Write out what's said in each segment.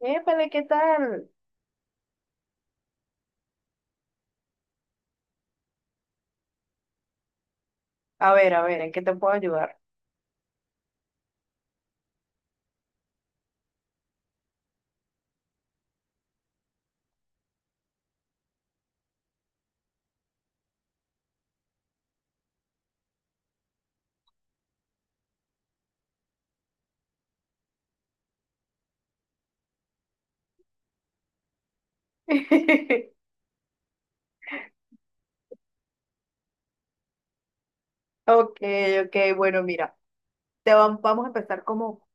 Épale, ¿qué tal? A ver, ¿en qué te puedo ayudar? Ok, ok, bueno, mira, vamos a empezar como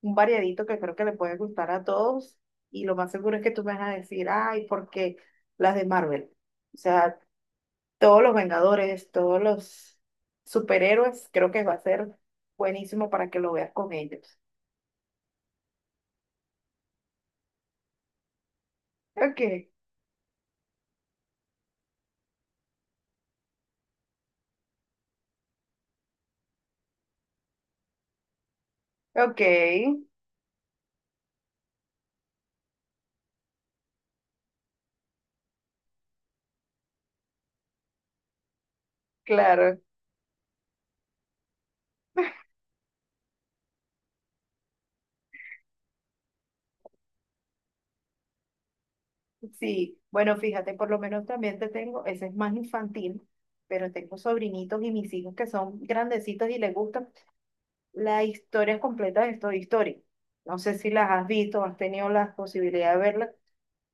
un variadito que creo que le puede gustar a todos, y lo más seguro es que tú me vas a decir, ay, porque las de Marvel, o sea, todos los Vengadores, todos los superhéroes, creo que va a ser buenísimo para que lo veas con ellos. Ok, ok, claro. Sí, bueno, fíjate, por lo menos también te tengo, ese es más infantil, pero tengo sobrinitos y mis hijos que son grandecitos y les gustan las historias completas de Toy Story. No sé si las has visto, has tenido la posibilidad de verlas,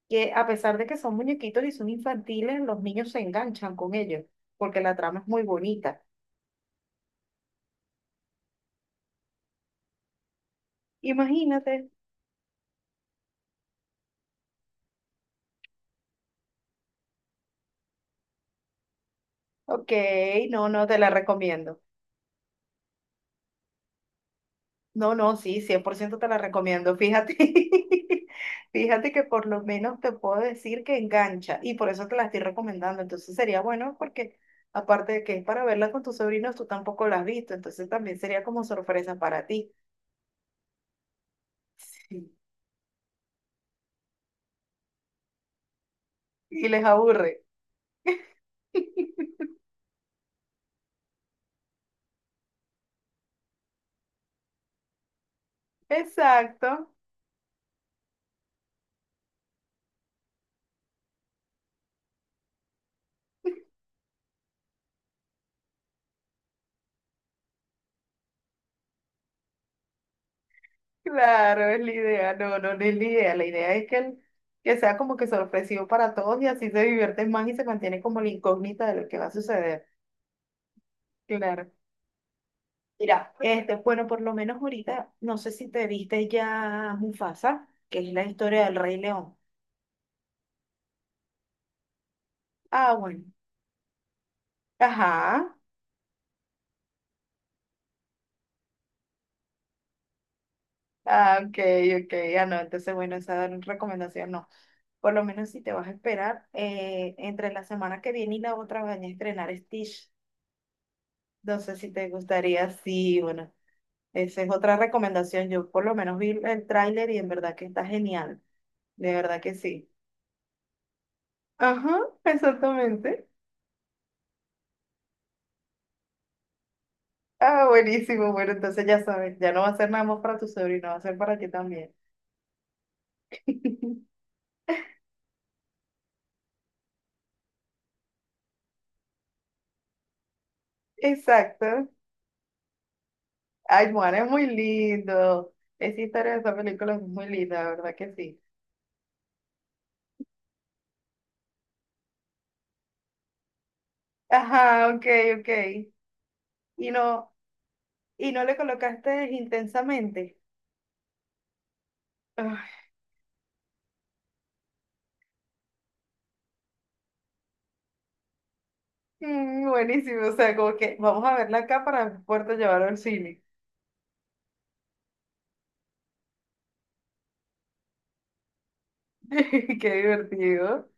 que a pesar de que son muñequitos y son infantiles, los niños se enganchan con ellos, porque la trama es muy bonita. Imagínate, ok, no, no, te la recomiendo. No, no, sí, cien por ciento te la recomiendo. Fíjate, fíjate que por lo menos te puedo decir que engancha y por eso te la estoy recomendando. Entonces sería bueno porque aparte de que es para verla con tus sobrinos, tú tampoco la has visto. Entonces también sería como sorpresa para ti. Sí. Y les aburre. Exacto, claro, es la idea. No, no, no es la idea. La idea es que que sea como que sorpresivo para todos y así se divierten más y se mantiene como la incógnita de lo que va a suceder. Claro. Mira, este, bueno, por lo menos ahorita, no sé si te viste ya Mufasa, que es la historia del Rey León. Ah, bueno. Ajá. Ah, ok, ok. Ah, no, entonces, bueno, esa recomendación no. Por lo menos si te vas a esperar, entre la semana que viene y la otra van a estrenar Stitch. No sé si te gustaría, sí, bueno, esa es otra recomendación. Yo por lo menos vi el tráiler y en verdad que está genial. De verdad que sí. Ajá, exactamente. Ah, buenísimo. Bueno, entonces ya sabes, ya no va a ser nada más para tu sobrino, va a ser para ti también. Exacto. Ay, Juan, es muy lindo. Esa historia de esa película es muy linda, la verdad que sí. Ajá, ok, ok. Y no, y no le colocaste intensamente. Ay, mm, buenísimo, o sea, como que vamos a verla acá para poder llevarlo al cine. Qué divertido.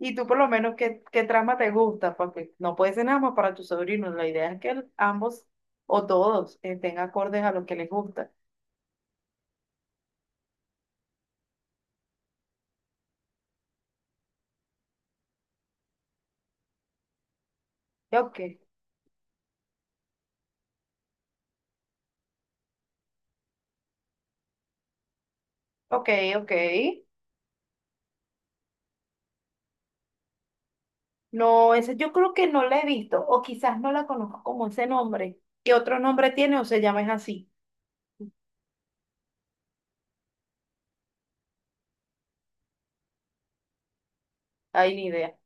Y tú por lo menos, ¿qué, qué trama te gusta? Porque no puede ser nada más para tus sobrinos. La idea es que ambos o todos estén acordes a lo que les gusta. Y ok, ok, ok. No, ese yo creo que no la he visto o quizás no la conozco como ese nombre. ¿Qué otro nombre tiene o se llama es así? Hay ni idea.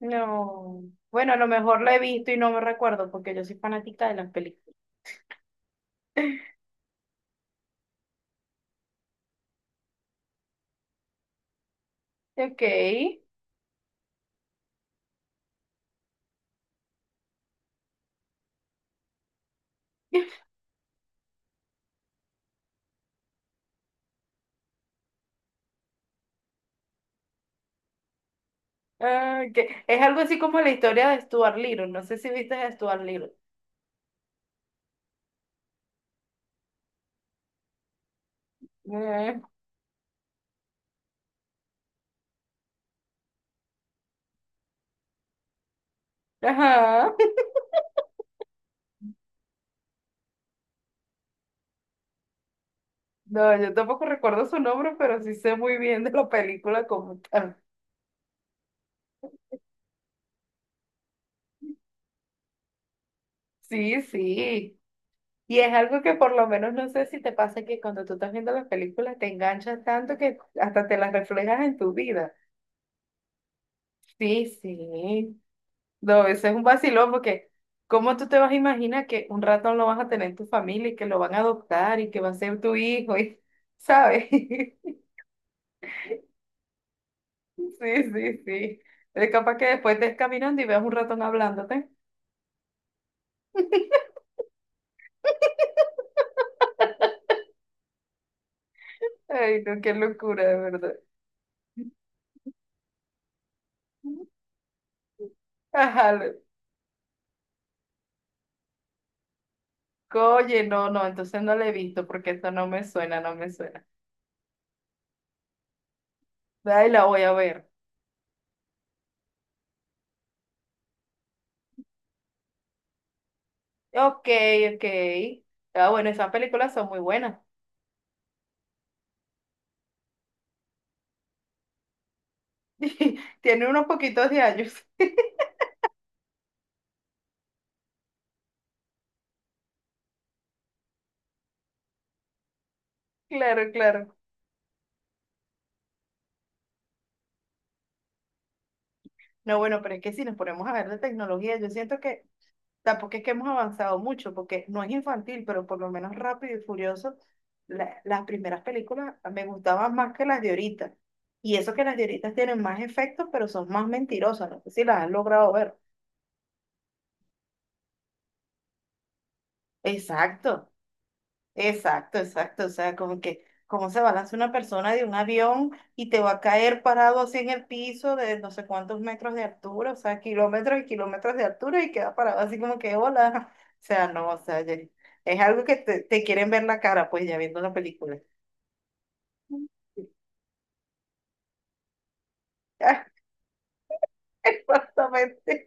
No. Bueno, a lo mejor la he visto y no me recuerdo porque yo soy fanática de las películas. Ok. Ah, que es algo así como la historia de Stuart Little. No sé si viste a Stuart Little. Ajá. No, yo tampoco recuerdo su nombre, pero sí sé muy bien de la película como tal. Sí, sí. Y es algo que por lo menos no sé si te pasa que cuando tú estás viendo las películas te enganchas tanto que hasta te las reflejas en tu vida. Sí, sí. No, eso es un vacilón porque ¿cómo tú te vas a imaginar que un ratón lo vas a tener en tu familia y que lo van a adoptar y que va a ser tu hijo? Y, ¿sabes? Sí, sí, sí. Es capaz que después estés caminando y veas un ratón hablándote. Ay, no, qué locura, de verdad. Ajá, oye, no, no, entonces no la he visto porque eso no me suena, no me suena. Ay, la voy a ver. Ok, ok. Ah, bueno, esas películas son muy buenas. Tiene unos poquitos de años. Claro, claro. No, bueno, pero es que si nos ponemos a ver de tecnología, yo siento que tampoco es que hemos avanzado mucho, porque no es infantil, pero por lo menos Rápido y Furioso, las primeras películas me gustaban más que las de ahorita. Y eso que las de ahorita tienen más efectos, pero son más mentirosas. No sé si las han logrado ver. Exacto. Exacto, exacto. O sea, como que, ¿cómo se balanza una persona de un avión y te va a caer parado así en el piso de no sé cuántos metros de altura, o sea, kilómetros y kilómetros de altura y queda parado así como que, hola? O sea, no, o sea, es algo que te quieren ver la cara, pues ya viendo la película. Exactamente.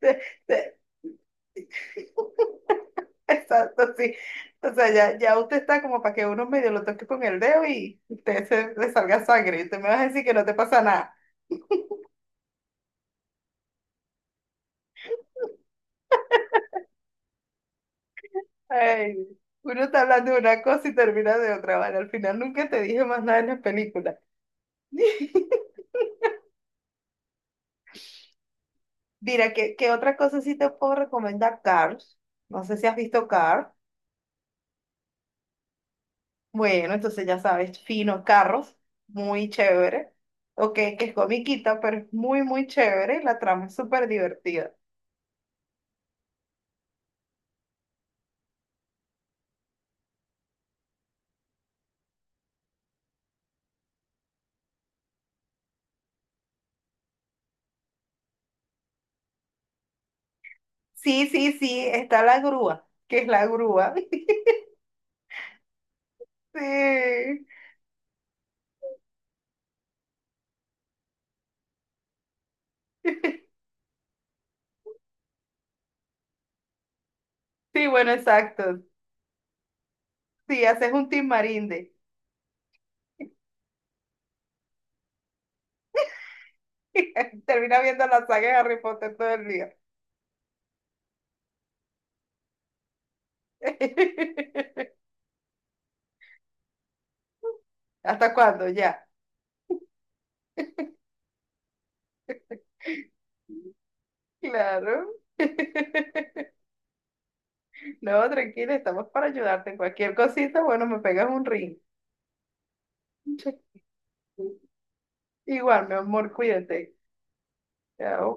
Te- te- Exacto, sí. O sea, ya, ya usted está como para que uno medio lo toque con el dedo y usted se, le salga sangre. Y usted me va a decir que no te pasa. Ay, uno está hablando de una cosa y termina de otra, ¿vale? Al final nunca te dije más nada en las películas. Mira, ¿qué, qué otra cosa sí te puedo recomendar? Cars. No sé si has visto Cars. Bueno, entonces ya sabes, finos carros, muy chévere. Ok, que es comiquita, pero es muy chévere y la trama es súper divertida. Sí, sí, sí, está la grúa, que es la grúa. Sí. Sí, bueno, exacto. Sí, haces un team marinde. Termina viendo la saga de Harry Potter todo el día. ¿Hasta cuándo? Ya. Claro. No, tranquila, estamos para ayudarte en cualquier cosita, bueno, me pegas un ring. Igual, mi amor, cuídate. Chao.